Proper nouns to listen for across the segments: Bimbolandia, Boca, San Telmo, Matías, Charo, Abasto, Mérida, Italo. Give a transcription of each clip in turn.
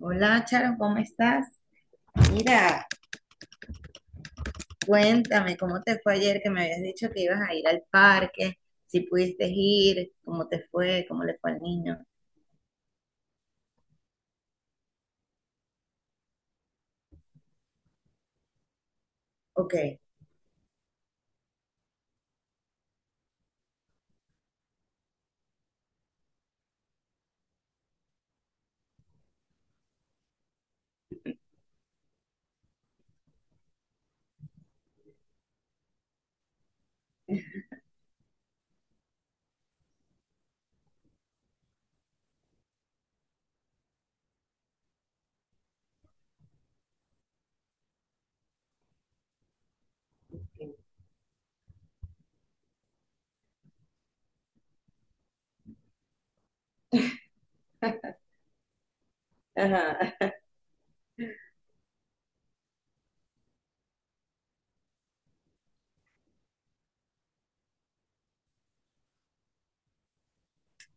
Hola, Charo, ¿cómo estás? Mira, cuéntame, ¿cómo te fue ayer que me habías dicho que ibas a ir al parque? Si pudiste ir, ¿cómo te fue? ¿Cómo le fue al niño? Ok. Ajá.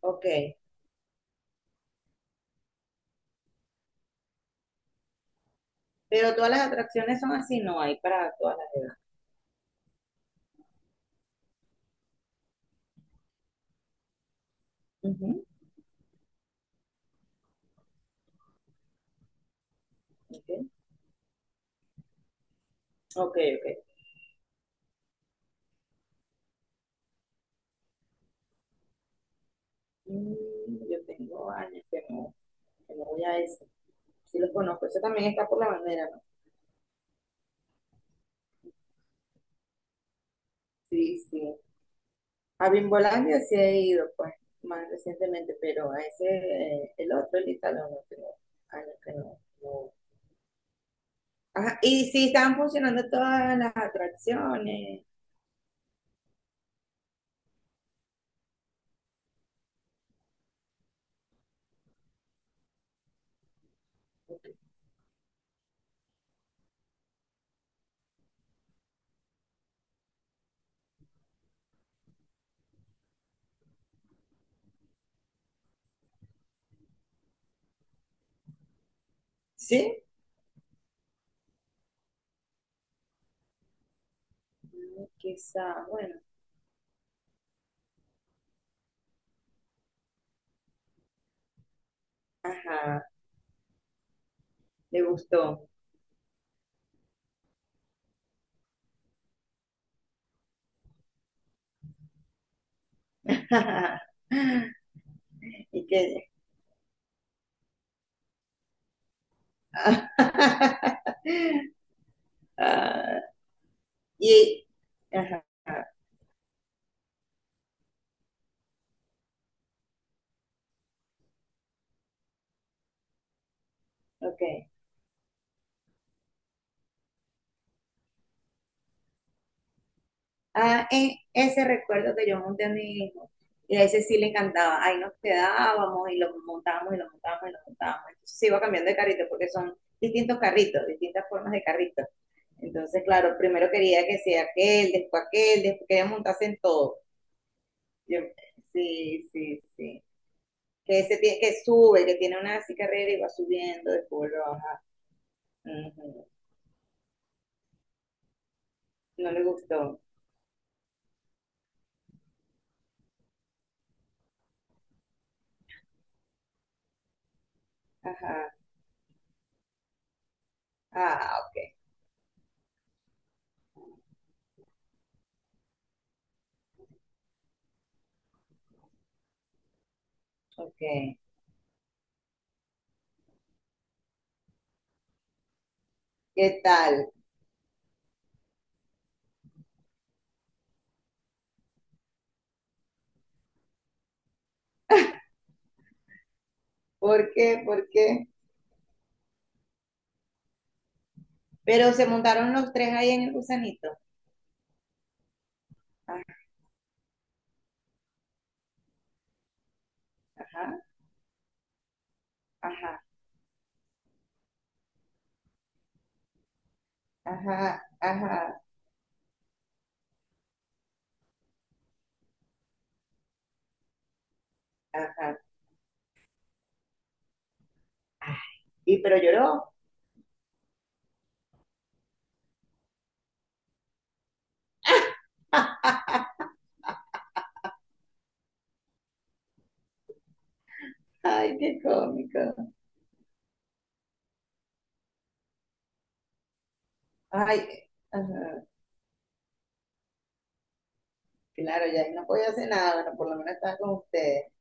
Ok. Pero todas las atracciones son así, ¿no hay para todas las edades? Ujú. Ok, ok, ok. Mm, yo tengo años que no voy a eso. Sí los conozco, eso también está por la bandera, ¿no? Sí, sí. A Bimbolandia sí he ido, pues, más recientemente, pero a ese, el otro, el Italo, no tengo años que no, no. Ajá, y sí estaban funcionando todas las atracciones. Sí. Mm, quizá, bueno, ajá, le gustó. Y que, ah, y, ajá, ok. Ah, ese recuerdo que yo monté a mi hijo, y a ese sí le encantaba, ahí nos quedábamos y lo montábamos y lo montábamos y lo montábamos. Entonces se iba cambiando de carrito porque son distintos carritos, distintas formas de carritos. Entonces, claro, primero quería que sea aquel, después quería montarse en todo. Yo, sí, sí, sí. Que ese que sube, que tiene una así carrera y va subiendo, después lo baja. Ujú. No le gustó. Ajá. Ah, ok, ok. ¿Qué tal? ¿Por qué? ¿Por qué? Pero se montaron los tres ahí en el gusanito. Ajá, ajá, ajá, ajá, ajá. Y pero lloró. Ay, qué cómico. Ay, ajá. Claro, ya ahí no podía hacer nada, bueno, por lo menos estaba con ustedes.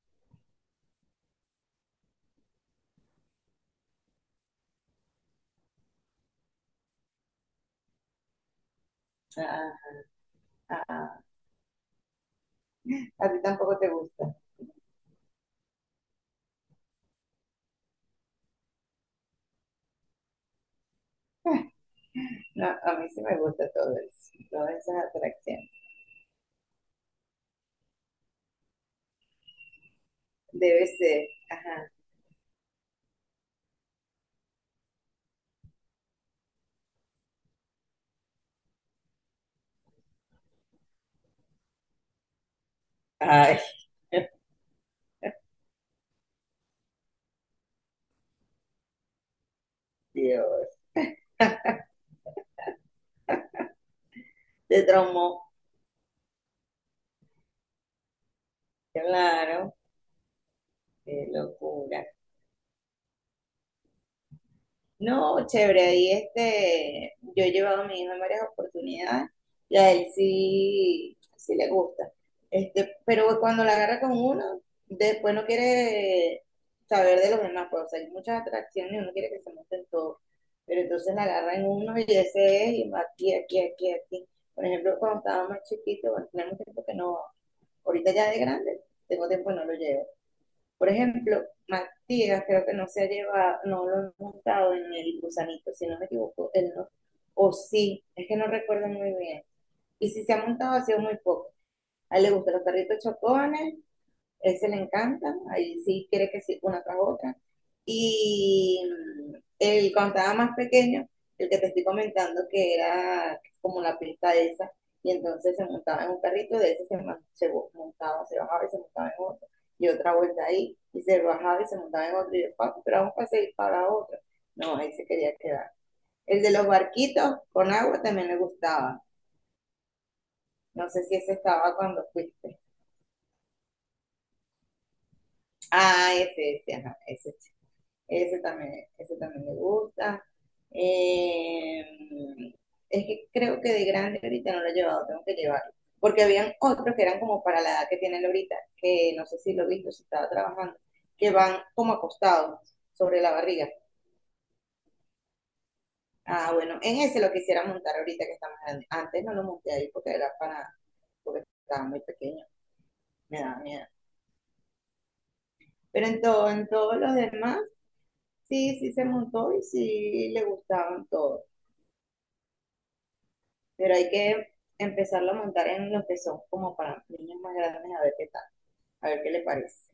Ah, ah. A ti tampoco te gusta. No, a mí sí me gusta todo eso, todas esas atracciones. Debe ser. Ajá. Ay, Dios. Te traumó. Claro, qué locura. No, chévere, ahí este, yo he llevado a mi hijo en varias oportunidades y a él sí, sí le gusta. Este, pero cuando la agarra con uno, después no quiere saber de los demás, pues, o sea, hay muchas atracciones y uno quiere que se monten todos. Pero entonces la agarra en uno y ese es, y va aquí, aquí, aquí, aquí. Por ejemplo, cuando estaba más chiquito, bueno, tenemos tiempo que no, ahorita ya de grande, tengo tiempo que no lo llevo. Por ejemplo, Matías creo que no se ha llevado, no lo hemos montado en el gusanito, si no me equivoco, él no, o sí, es que no recuerdo muy bien. Y si se ha montado ha sido muy poco. A él le gustan los carritos chocones, ese le encanta, ahí sí quiere que sí, una tras otra. Y Cuando estaba más pequeño, el que te estoy comentando que era como la pista de esa, y entonces se montaba en un carrito, de ese se, man- se bo- montaba, se bajaba y se montaba en otro, y otra vuelta ahí, y se bajaba y se montaba en otro, y yo, "Papi, pero vamos a seguir para otro". No, ahí se quería quedar. El de los barquitos con agua también le gustaba. No sé si ese estaba cuando fuiste. Ah, ese, ajá, ese. Sí. Ese también le gusta. Eh, es que creo que de grande ahorita no lo he llevado, tengo que llevarlo. Porque habían otros que eran como para la edad que tiene él ahorita, que no sé si lo he visto, si estaba trabajando, que van como acostados sobre la barriga. Ah, bueno, en ese lo quisiera montar ahorita que está más grande. Antes no lo monté ahí porque estaba muy pequeño, me daba miedo. Pero en todo, en todos los demás, sí, sí se montó y sí le gustaban todos. Pero hay que empezarlo a montar en los que son como para niños más grandes a ver qué tal, a ver qué le parece.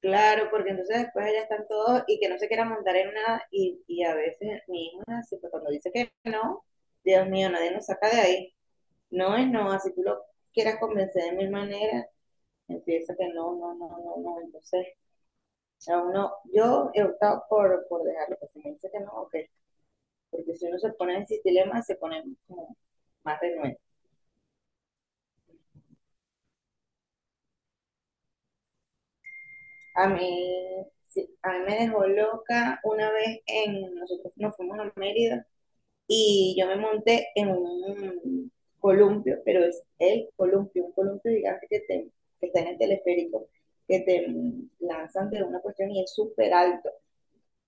Claro, porque entonces después allá están todos y que no se quiera montar en nada y a veces mi hijo es así, pues cuando dice que no, Dios mío, nadie nos saca de ahí. No es no, así tú lo quieras convencer de mil maneras, empieza que no, no, no, no, no, entonces a uno, yo he optado por dejarlo, que si me dice que no, ok, porque si uno se pone en ese dilema se pone como más renuente. A mí, sí, a mí me dejó loca una vez en, nosotros nos fuimos a Mérida y yo me monté en un columpio, pero es el columpio, un columpio gigante que, te, que está en el teleférico, que te lanzan de una cuestión y es súper alto.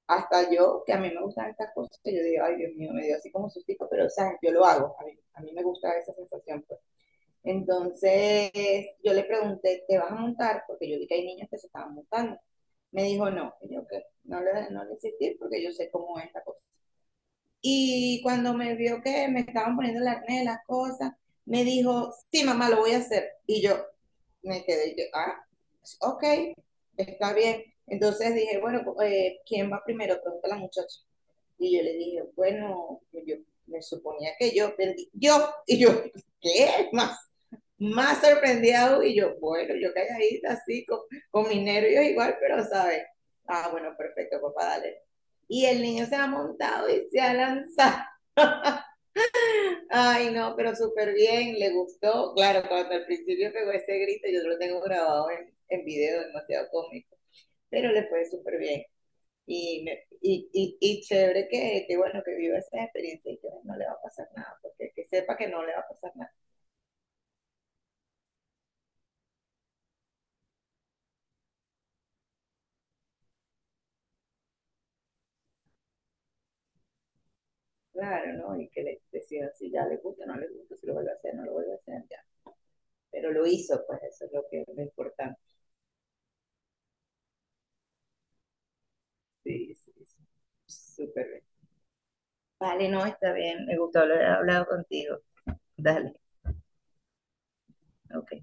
Hasta yo, que a mí me gustan estas cosas, que yo digo, ay Dios mío, me dio así como sustico, pero o sea, yo lo hago, a mí me gusta esa sensación, pues. Entonces yo le pregunté, ¿te vas a montar? Porque yo vi que hay niños que se estaban montando. Me dijo, no, y yo que no le insistí porque yo sé cómo es la cosa. Y cuando me vio que me estaban poniendo el acné, las cosas, me dijo, sí, mamá, lo voy a hacer. Y yo me quedé, yo, ah, pues, ok, está bien. Entonces dije, bueno, pues, ¿quién va primero? Pregunta la muchacha. Y yo le dije, bueno, pues, yo me suponía que yo perdí. Yo, y yo, ¿qué? Más, más sorprendido. Y yo, bueno, yo calladita así, con mis nervios igual, pero, ¿sabes? Ah, bueno, perfecto, papá, dale, y el niño se ha montado y se ha lanzado. Ay, no, pero súper bien, le gustó. Claro, cuando al principio pegó ese grito, yo lo tengo grabado en video, demasiado cómico, pero le fue súper bien. Y chévere que, bueno, que viva esa experiencia y que no le va a pasar nada, porque que sepa que no le va a pasar nada. Claro, ¿no? Y que le decida si ya le gusta, no le gusta, si lo vuelve a hacer, no lo vuelve a hacer, ya. Pero lo hizo, pues eso es lo que es lo importante. Sí, sí, sí. Súper bien. Vale, no, está bien. Me gustó haber hablado contigo. Dale, ok.